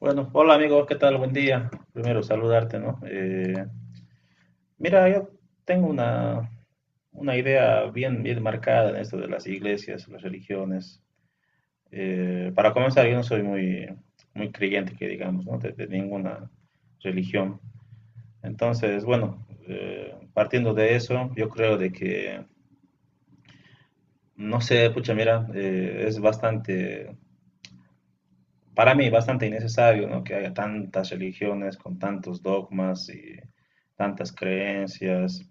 Bueno, hola amigos, ¿qué tal? Buen día. Primero saludarte, ¿no? Mira, yo tengo una idea bien marcada en esto de las iglesias, las religiones. Para comenzar, yo no soy muy creyente, que digamos, ¿no? De ninguna religión. Entonces, bueno, partiendo de eso, yo creo de que, no sé, pucha, mira, es bastante. Para mí, bastante innecesario, ¿no? Que haya tantas religiones con tantos dogmas y tantas creencias.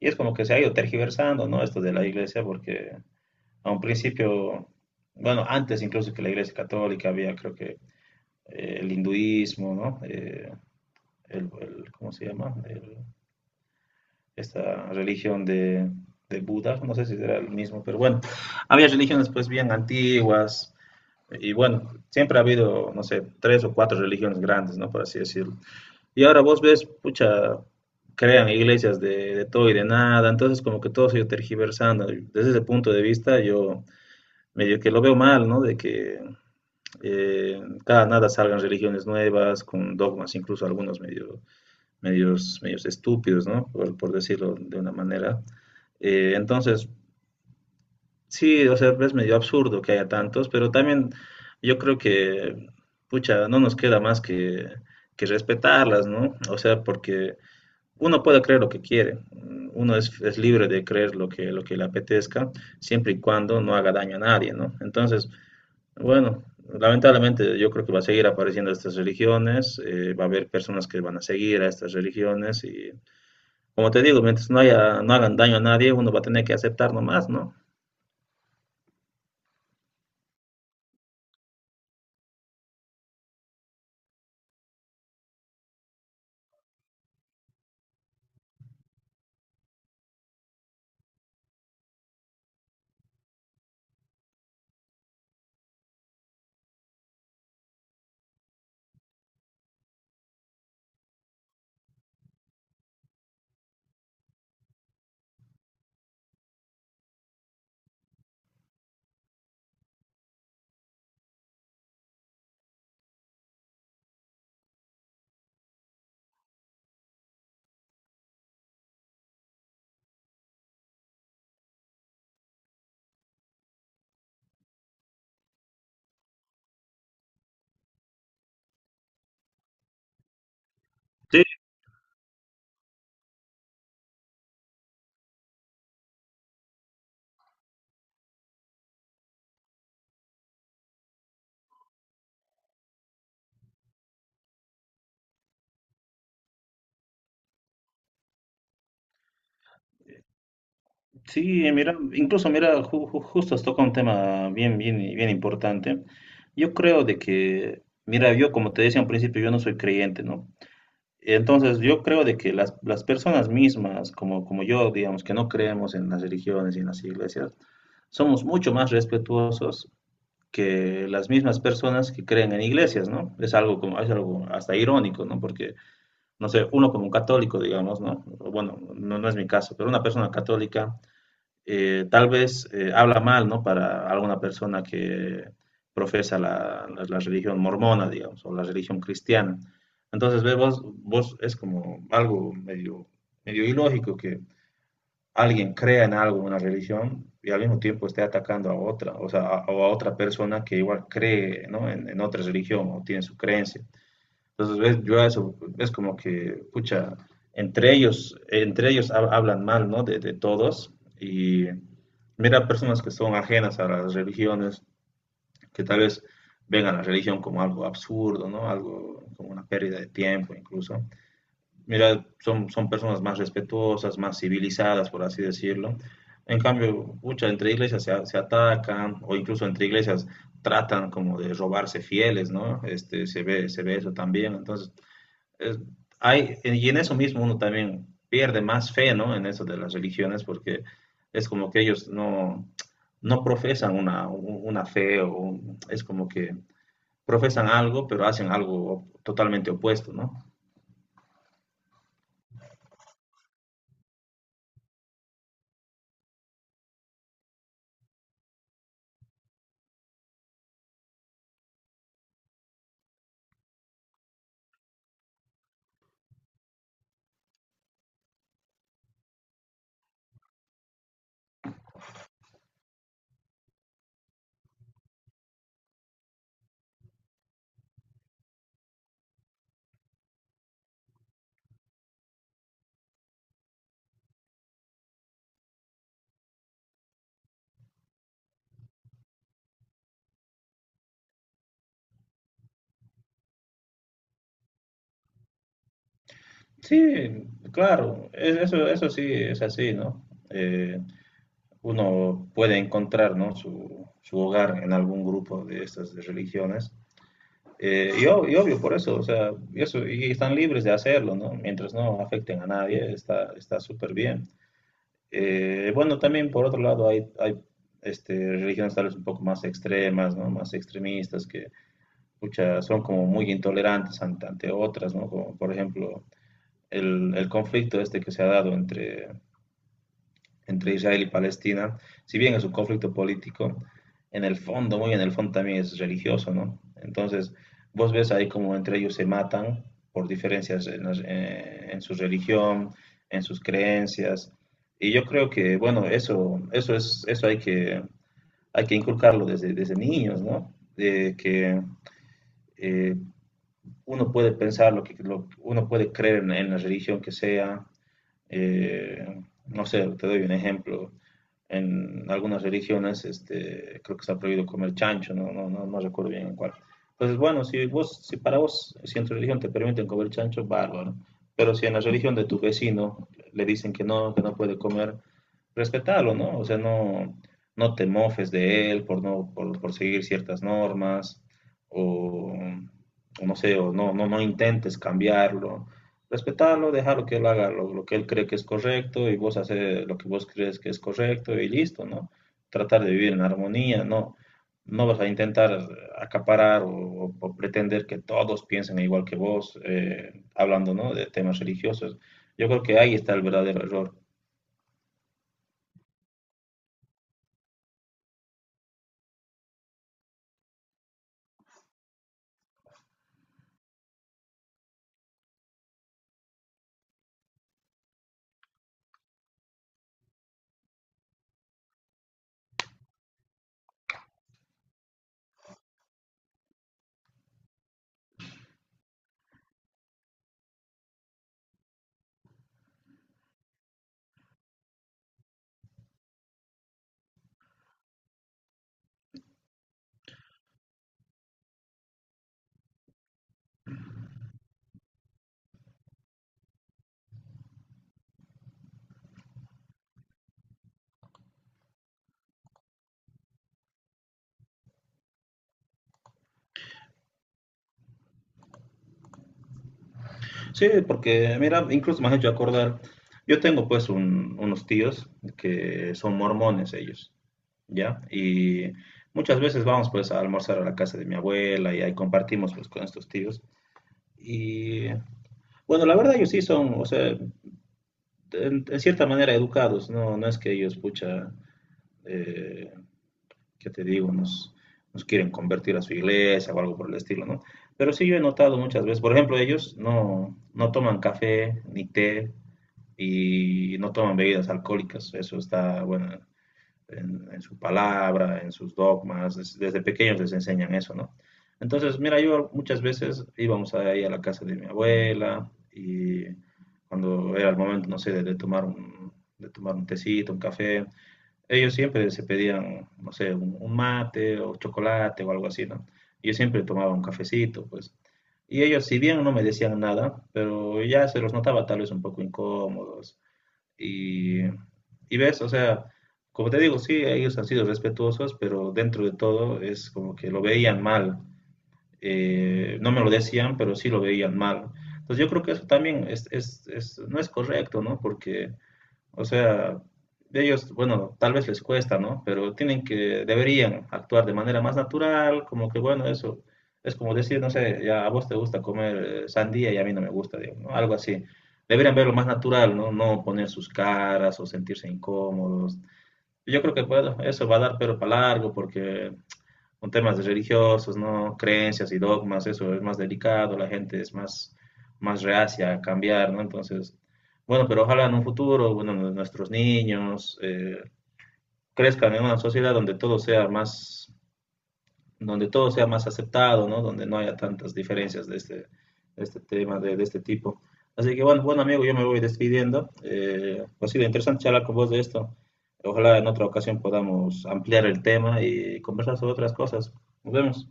Y es como que se ha ido tergiversando, ¿no? Esto de la iglesia, porque a un principio, bueno, antes incluso que la iglesia católica había, creo que, el hinduismo, ¿no? El- ¿cómo se llama? El- Esta religión de Buda, no sé si era el mismo, pero bueno, había religiones pues bien antiguas y bueno, siempre ha habido, no sé, tres o cuatro religiones grandes, ¿no? Por así decirlo. Y ahora vos ves, pucha, crean iglesias de todo y de nada, entonces como que todo se ha ido tergiversando. Y desde ese punto de vista yo medio que lo veo mal, ¿no? De que cada nada salgan religiones nuevas, con dogmas, incluso algunos medios estúpidos, ¿no? Por decirlo de una manera. Eh, entonces, Sí, o sea, es medio absurdo que haya tantos, pero también yo creo que, pucha, no nos queda más que respetarlas, ¿no? O sea, porque uno puede creer lo que quiere, uno es libre de creer lo lo que le apetezca, siempre y cuando no haga daño a nadie, ¿no? Entonces, bueno, lamentablemente yo creo que va a seguir apareciendo estas religiones, va a haber personas que van a seguir a estas religiones y, como te digo, mientras no haya, no hagan daño a nadie, uno va a tener que aceptar nomás, ¿no? Sí, sí, mira, incluso mira, justo has tocado un tema bien importante. Yo creo de que, mira, yo como te decía al principio, yo no soy creyente, ¿no? Entonces, yo creo de que las personas mismas, como, como yo, digamos, que no creemos en las religiones y en las iglesias, somos mucho más respetuosos que las mismas personas que creen en iglesias, ¿no? Es algo como, es algo hasta irónico, ¿no? Porque, no sé, uno como un católico, digamos, ¿no? Bueno, no, no es mi caso, pero una persona católica tal vez habla mal, ¿no? Para alguna persona que profesa la religión mormona, digamos, o la religión cristiana. Entonces, ve, vos es como algo medio ilógico que alguien crea en algo, en una religión, y al mismo tiempo esté atacando a otra, o sea, a, o a otra persona que igual cree, ¿no? En otra religión o tiene su creencia. Entonces, ves, yo a eso, es como que, pucha, entre ellos hablan mal, ¿no? De todos. Y mira, personas que son ajenas a las religiones, que tal vez ven a la religión como algo absurdo, ¿no? Algo como una pérdida de tiempo incluso. Mira, son personas más respetuosas, más civilizadas, por así decirlo. En cambio, muchas entre iglesias se atacan o incluso entre iglesias tratan como de robarse fieles, ¿no? Este, se ve eso también. Entonces, eh, y en eso mismo uno también pierde más fe, ¿no? En eso de las religiones, porque es como que ellos no, no profesan una fe, o es como que profesan algo, pero hacen algo totalmente opuesto, ¿no? Sí, claro, eso, eso sí es así, ¿no? Eh, Uno puede encontrar, ¿no? Su hogar en algún grupo de estas de religiones. Y obvio, por eso, o sea, y eso, y están libres de hacerlo, ¿no? Mientras no afecten a nadie, está, está súper bien. Bueno, también por otro lado hay este, religiones tal vez un poco más extremas, ¿no? Más extremistas que pucha, son como muy intolerantes ante, ante otras, ¿no? Como por ejemplo el conflicto este que se ha dado entre Israel y Palestina, si bien es un conflicto político, en el fondo, muy en el fondo también es religioso, ¿no? Entonces, vos ves ahí como entre ellos se matan por diferencias en, en su religión, en sus creencias. Y yo creo que, bueno, eso es, eso hay hay que inculcarlo desde niños, ¿no? De que eh, uno puede pensar lo que, uno puede creer en la religión que sea, eh, no sé, te doy un ejemplo. En algunas religiones, este, creo que está prohibido comer chancho, no, no recuerdo bien en cuál. Entonces, bueno, si vos, si para vos, si en tu religión te permiten comer chancho, bárbaro. Pero si en la religión de tu vecino le dicen que no puede comer, respetalo, ¿no? O sea, no, no te mofes de él por no, por seguir ciertas normas, o, o no sé, o no, no intentes cambiarlo, respetarlo, dejarlo que él haga lo que él cree que es correcto y vos haces lo que vos crees que es correcto y listo, ¿no? Tratar de vivir en armonía, ¿no? No vas a intentar acaparar o pretender que todos piensen igual que vos, hablando, ¿no? De temas religiosos. Yo creo que ahí está el verdadero error. Sí, porque mira, incluso me has hecho acordar, yo tengo pues unos tíos que son mormones ellos. ¿Ya? Y muchas veces vamos pues a almorzar a la casa de mi abuela y ahí compartimos pues con estos tíos. Y bueno, la verdad ellos sí son, o sea, en cierta manera educados, ¿no? No es que ellos, pucha, eh, ¿qué te digo? Nos quieren convertir a su iglesia o algo por el estilo, ¿no? Pero sí yo he notado muchas veces, por ejemplo, ellos no, no toman café ni té y no toman bebidas alcohólicas, eso está, bueno, en su palabra, en sus dogmas, desde pequeños les enseñan eso, ¿no? Entonces, mira, yo muchas veces íbamos ahí a la casa de mi abuela y cuando era el momento, no sé, de tomar un tecito, un café, ellos siempre se pedían, no sé, un mate o chocolate o algo así, ¿no? Yo siempre tomaba un cafecito, pues. Y ellos, si bien no me decían nada, pero ya se los notaba tal vez un poco incómodos, y, y ves, o sea, como te digo, sí, ellos han sido respetuosos, pero dentro de todo es como que lo veían mal. No me lo decían, pero sí lo veían mal. Entonces yo creo que eso también no es correcto, ¿no? Porque o sea, ellos, bueno, tal vez les cuesta, ¿no? Pero tienen que, deberían actuar de manera más natural, como que, bueno, eso es como decir, no sé, ya a vos te gusta comer sandía y a mí no me gusta, digamos, ¿no? Algo así. Deberían verlo más natural, ¿no? No poner sus caras o sentirse incómodos. Yo creo que, bueno, eso va a dar pero para largo porque con temas de religiosos, ¿no? Creencias y dogmas, eso es más delicado, la gente es más, más reacia a cambiar, ¿no? Entonces, bueno, pero ojalá en un futuro, bueno, nuestros niños crezcan en una sociedad donde todo sea más, donde todo sea más aceptado, ¿no? Donde no haya tantas diferencias de este tema, de este tipo. Así que bueno, bueno amigo, yo me voy despidiendo. Ha sido interesante charlar con vos de esto. Ojalá en otra ocasión podamos ampliar el tema y conversar sobre otras cosas. Nos vemos.